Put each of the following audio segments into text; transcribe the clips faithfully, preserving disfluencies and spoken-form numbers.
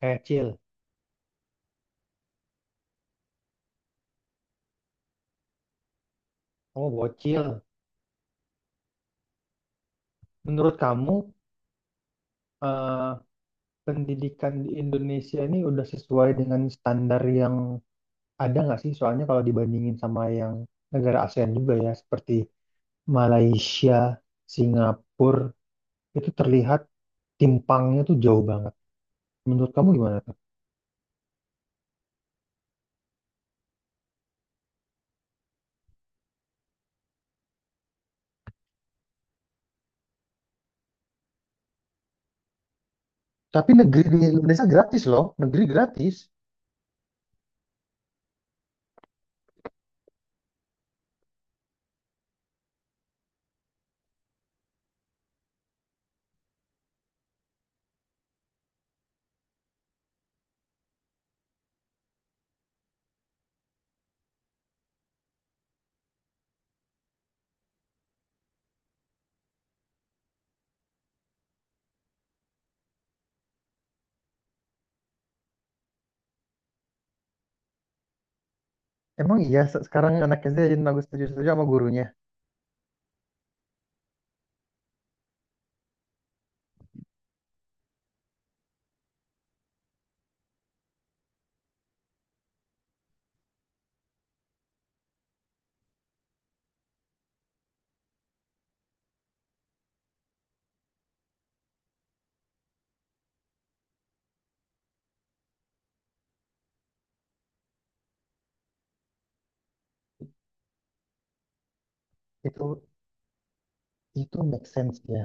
Eh, Cil, kamu bocil. Menurut kamu, eh, pendidikan di Indonesia ini udah sesuai dengan standar yang ada nggak sih? Soalnya kalau dibandingin sama yang negara ASEAN juga ya, seperti Malaysia, Singapura, itu terlihat timpangnya tuh jauh banget. Menurut kamu gimana tuh? Tapi negeri di Indonesia gratis loh, negeri gratis. Emang iya, se- sekarang anak S D aja nangis setuju-setuju sama gurunya. Itu itu make sense ya.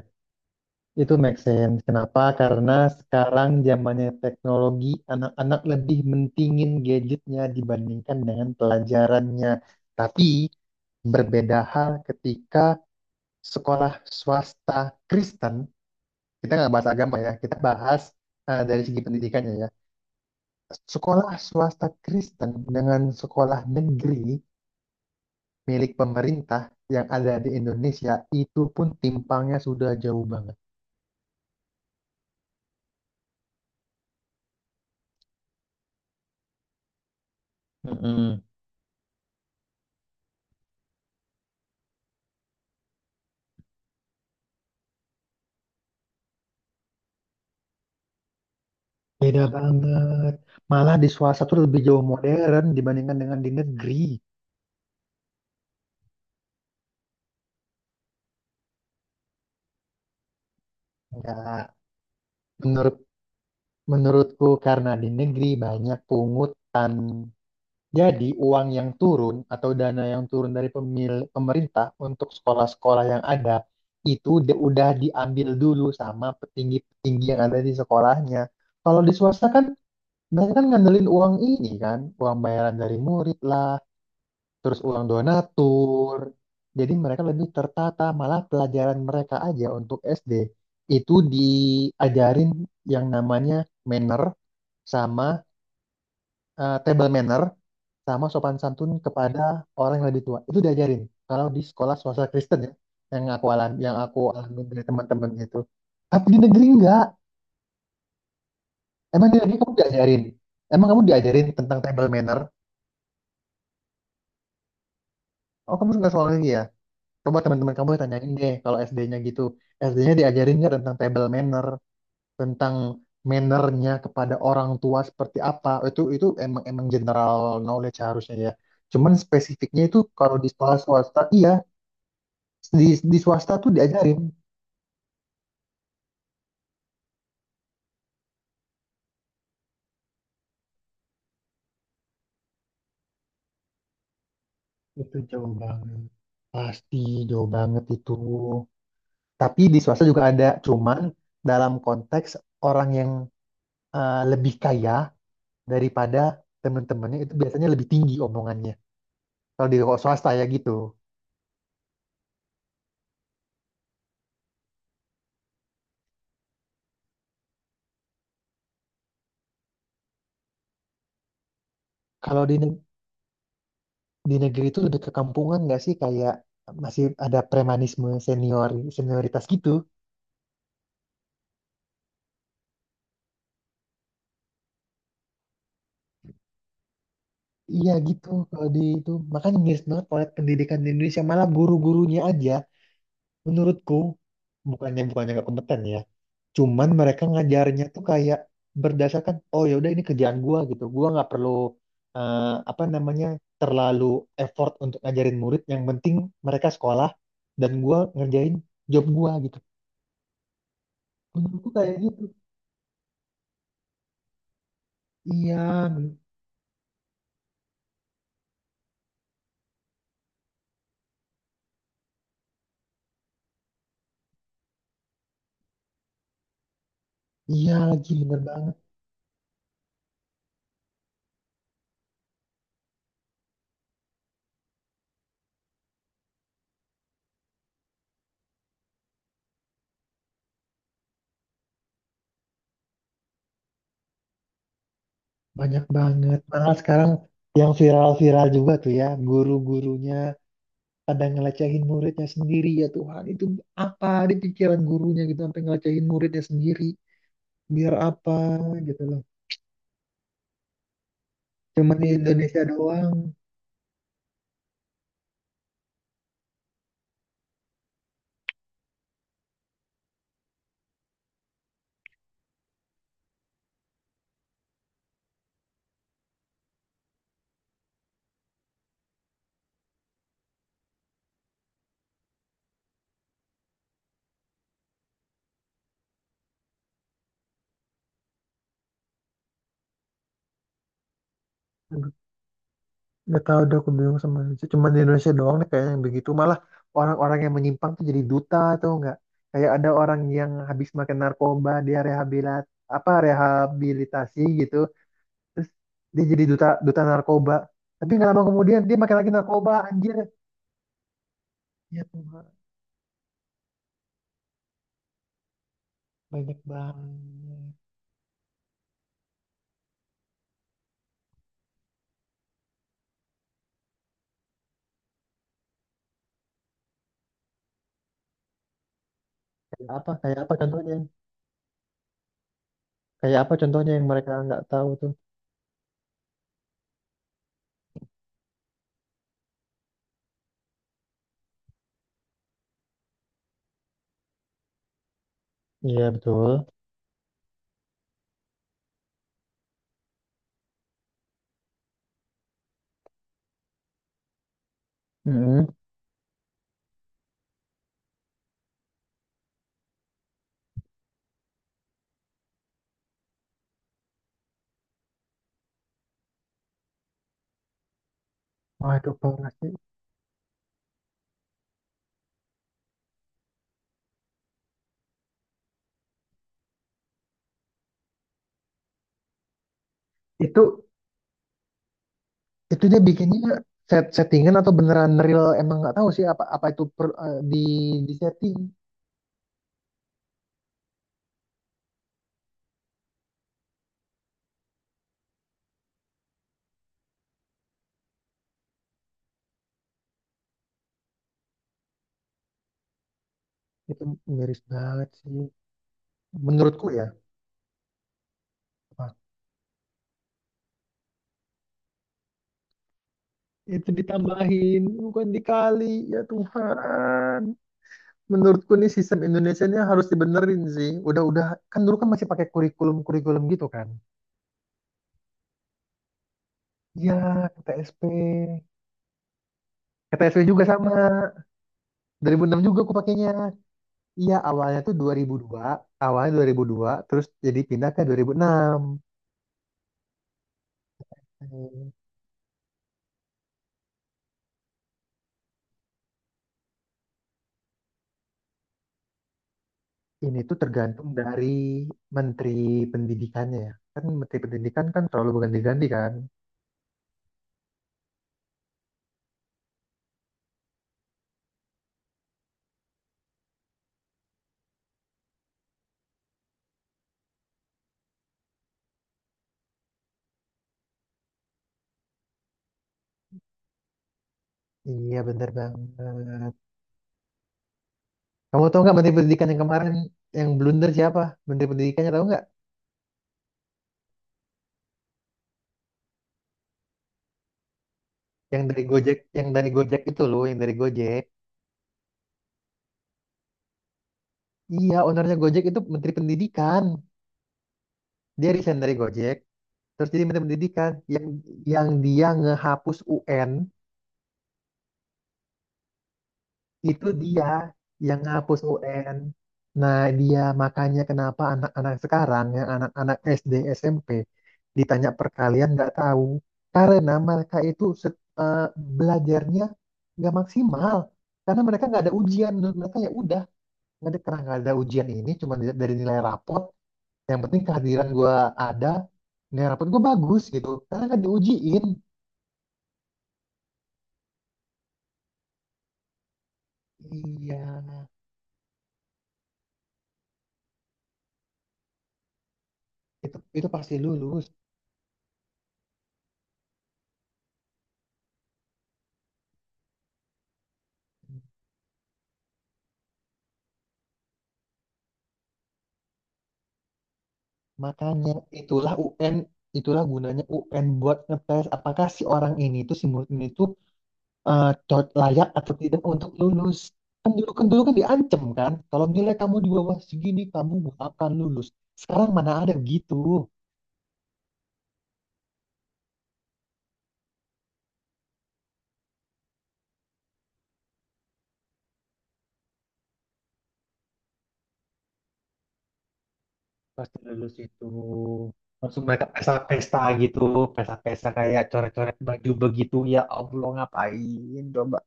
Itu make sense. Kenapa? Karena sekarang zamannya teknologi, anak-anak lebih mentingin gadgetnya dibandingkan dengan pelajarannya. Tapi berbeda hal ketika sekolah swasta Kristen, kita nggak bahas agama ya, kita bahas eh, dari segi pendidikannya ya. Sekolah swasta Kristen dengan sekolah negeri milik pemerintah yang ada di Indonesia itu pun timpangnya sudah jauh banget. Mm-mm. Beda banget. Malah di swasta tuh lebih jauh modern dibandingkan dengan di negeri. Enggak. Menurut Menurutku karena di negeri banyak pungutan. Jadi uang yang turun atau dana yang turun dari pemil- pemerintah untuk sekolah-sekolah yang ada itu di- udah diambil dulu sama petinggi-petinggi yang ada di sekolahnya. Kalau di swasta kan mereka kan ngandelin uang ini kan, uang bayaran dari murid lah, terus uang donatur. Jadi mereka lebih tertata, malah pelajaran mereka aja untuk S D itu diajarin yang namanya manner sama eh, table manner sama sopan santun kepada orang yang lebih tua. Itu diajarin kalau di sekolah swasta Kristen ya, yang aku alami yang aku alami dari teman-teman itu. Tapi di negeri enggak. Emang di negeri kamu diajarin? Emang kamu diajarin tentang table manner? Oh, kamu suka soal ini ya? Coba teman-teman kamu tanyain deh kalau S D-nya gitu. S D-nya diajarin nggak tentang table manner, tentang mannernya kepada orang tua seperti apa? Itu itu emang emang general knowledge harusnya ya. Cuman spesifiknya itu kalau di sekolah swasta, iya di di swasta tuh diajarin. Itu jauh banget. Pasti jauh banget itu. Tapi di swasta juga ada, cuman dalam konteks orang yang eh, lebih kaya daripada teman-temannya itu biasanya lebih tinggi omongannya. Kalau di swasta ya gitu. Kalau di neg- di negeri itu udah kekampungan kampungan nggak sih, kayak masih ada premanisme senior senioritas gitu. Iya gitu, kalau di itu makanya miris banget oleh pendidikan di Indonesia, malah guru-gurunya aja menurutku bukannya bukannya nggak kompeten ya. Cuman mereka ngajarnya tuh kayak berdasarkan oh ya udah ini kerjaan gua gitu. Gua nggak perlu eh, apa namanya terlalu effort untuk ngajarin murid, yang penting mereka sekolah dan gua ngerjain job gua gitu. Menurutku kayak gitu. Iya, men- iya lagi bener banget. Banyak banget. Malah sekarang yang viral-viral juga tuh ya. Guru-gurunya pada ngelecehin muridnya sendiri. Ya Tuhan, itu apa di pikiran gurunya gitu. Sampai ngelecehin muridnya sendiri. Biar apa gitu loh. Cuman di Indonesia doang. Gak tahu deh, aku bingung sama Indonesia. Cuma di Indonesia doang nih kayaknya yang begitu. Malah orang-orang yang menyimpang tuh jadi duta atau enggak. Kayak ada orang yang habis makan narkoba, dia rehabilit apa rehabilitasi gitu. Terus dia jadi duta duta narkoba. Tapi nggak lama kemudian dia makan lagi narkoba, anjir. Ya Tuhan, banyak banget. Kayak apa? Kayak apa contohnya? Kayak apa contohnya yang mereka nggak tahu tuh? Iya betul. Mm-mm. Waduh parah sih. Itu Itu dia bikinnya set settingan atau beneran real emang nggak tahu sih, apa apa itu per- eh, di di setting itu miris banget sih menurutku ya. Apa? Itu ditambahin bukan dikali, ya Tuhan. Menurutku nih sistem Indonesia ini harus dibenerin sih, udah udah kan dulu kan masih pakai kurikulum kurikulum gitu kan ya. K T S P. K T S P juga sama dua ribu enam juga aku pakainya. Iya awalnya tuh dua ribu dua awalnya dua ribu dua terus jadi pindah ke dua ribu enam. Ini tuh tergantung dari Menteri Pendidikannya ya. Kan Menteri Pendidikan kan terlalu berganti-ganti kan. Iya bener banget. Kamu tahu nggak Menteri Pendidikan yang kemarin yang blunder siapa? Menteri Pendidikannya tahu nggak? Yang dari Gojek, yang dari Gojek itu loh, yang dari Gojek. Iya, ownernya Gojek itu Menteri Pendidikan. Dia resign dari Gojek, terus jadi Menteri Pendidikan. Yang yang dia ngehapus U N. Itu dia yang ngapus U N. Nah, dia makanya kenapa anak-anak sekarang, yang anak-anak S D, S M P, ditanya perkalian nggak tahu. Karena mereka itu set- eh, belajarnya nggak maksimal. Karena mereka nggak ada ujian. Menurut mereka ya udah, nggak ada, karena nggak ada ujian ini, cuma dilihat dari nilai rapot. Yang penting kehadiran gua ada, nilai rapot gua bagus gitu. Karena kan diujiin. Iya, itu itu pasti lulus. Makanya itulah U N, itulah gunanya U N buat ngetes apakah si orang ini itu si murid ini tuh eh, cocok- layak atau tidak untuk lulus. Kan dulu kan dulu kan diancam kan, kalau nilai kamu di bawah segini kamu gak akan lulus. Sekarang mana ada gitu. Pasti lulus itu langsung mereka pesta-pesta gitu, pesta-pesta kayak coret-coret baju begitu, ya Allah, ngapain coba.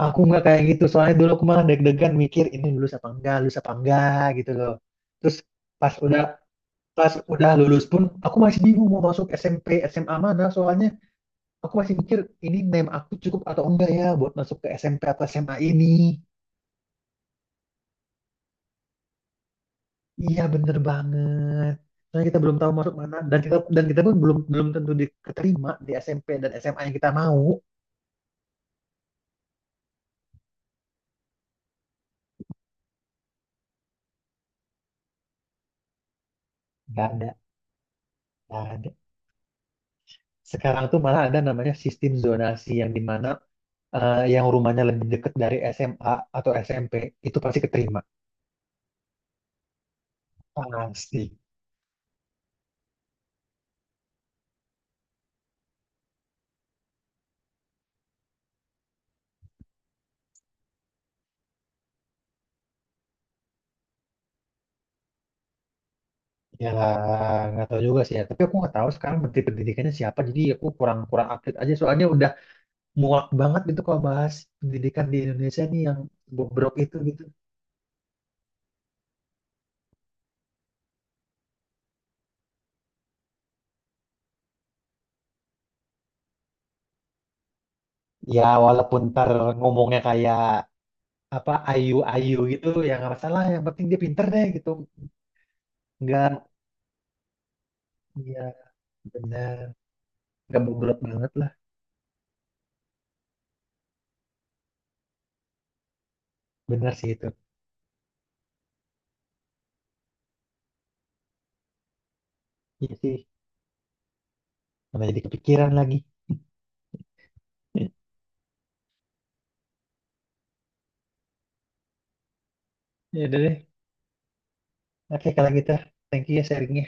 Aku nggak kayak gitu, soalnya dulu aku malah deg-degan mikir ini lulus apa enggak, lulus apa enggak gitu loh. Terus pas udah pas udah lulus pun aku masih bingung mau masuk S M P, S M A mana, soalnya aku masih mikir ini name aku cukup atau enggak ya buat masuk ke S M P atau S M A ini. Iya bener banget. Soalnya kita belum tahu masuk mana, dan kita dan kita pun belum belum tentu diterima di S M P dan S M A yang kita mau. Nggak ada, nggak ada. Sekarang tuh malah ada namanya sistem zonasi yang dimana eh, yang rumahnya lebih dekat dari S M A atau S M P itu pasti keterima pasti ya. Nggak tahu juga sih ya, tapi aku nggak tahu sekarang menteri pendidikannya siapa, jadi aku kurang kurang update aja, soalnya udah muak banget gitu kalau bahas pendidikan di Indonesia nih yang bobrok itu gitu. Ya walaupun ntar ngomongnya kayak apa ayu-ayu gitu ya, nggak masalah, yang penting dia pinter deh gitu. Nggak, ya, benar, nggak bobrok banget lah. Benar sih itu. Iya sih, mana jadi kepikiran lagi. Ya udah deh. Oke, kalau gitu, thank you ya sharingnya.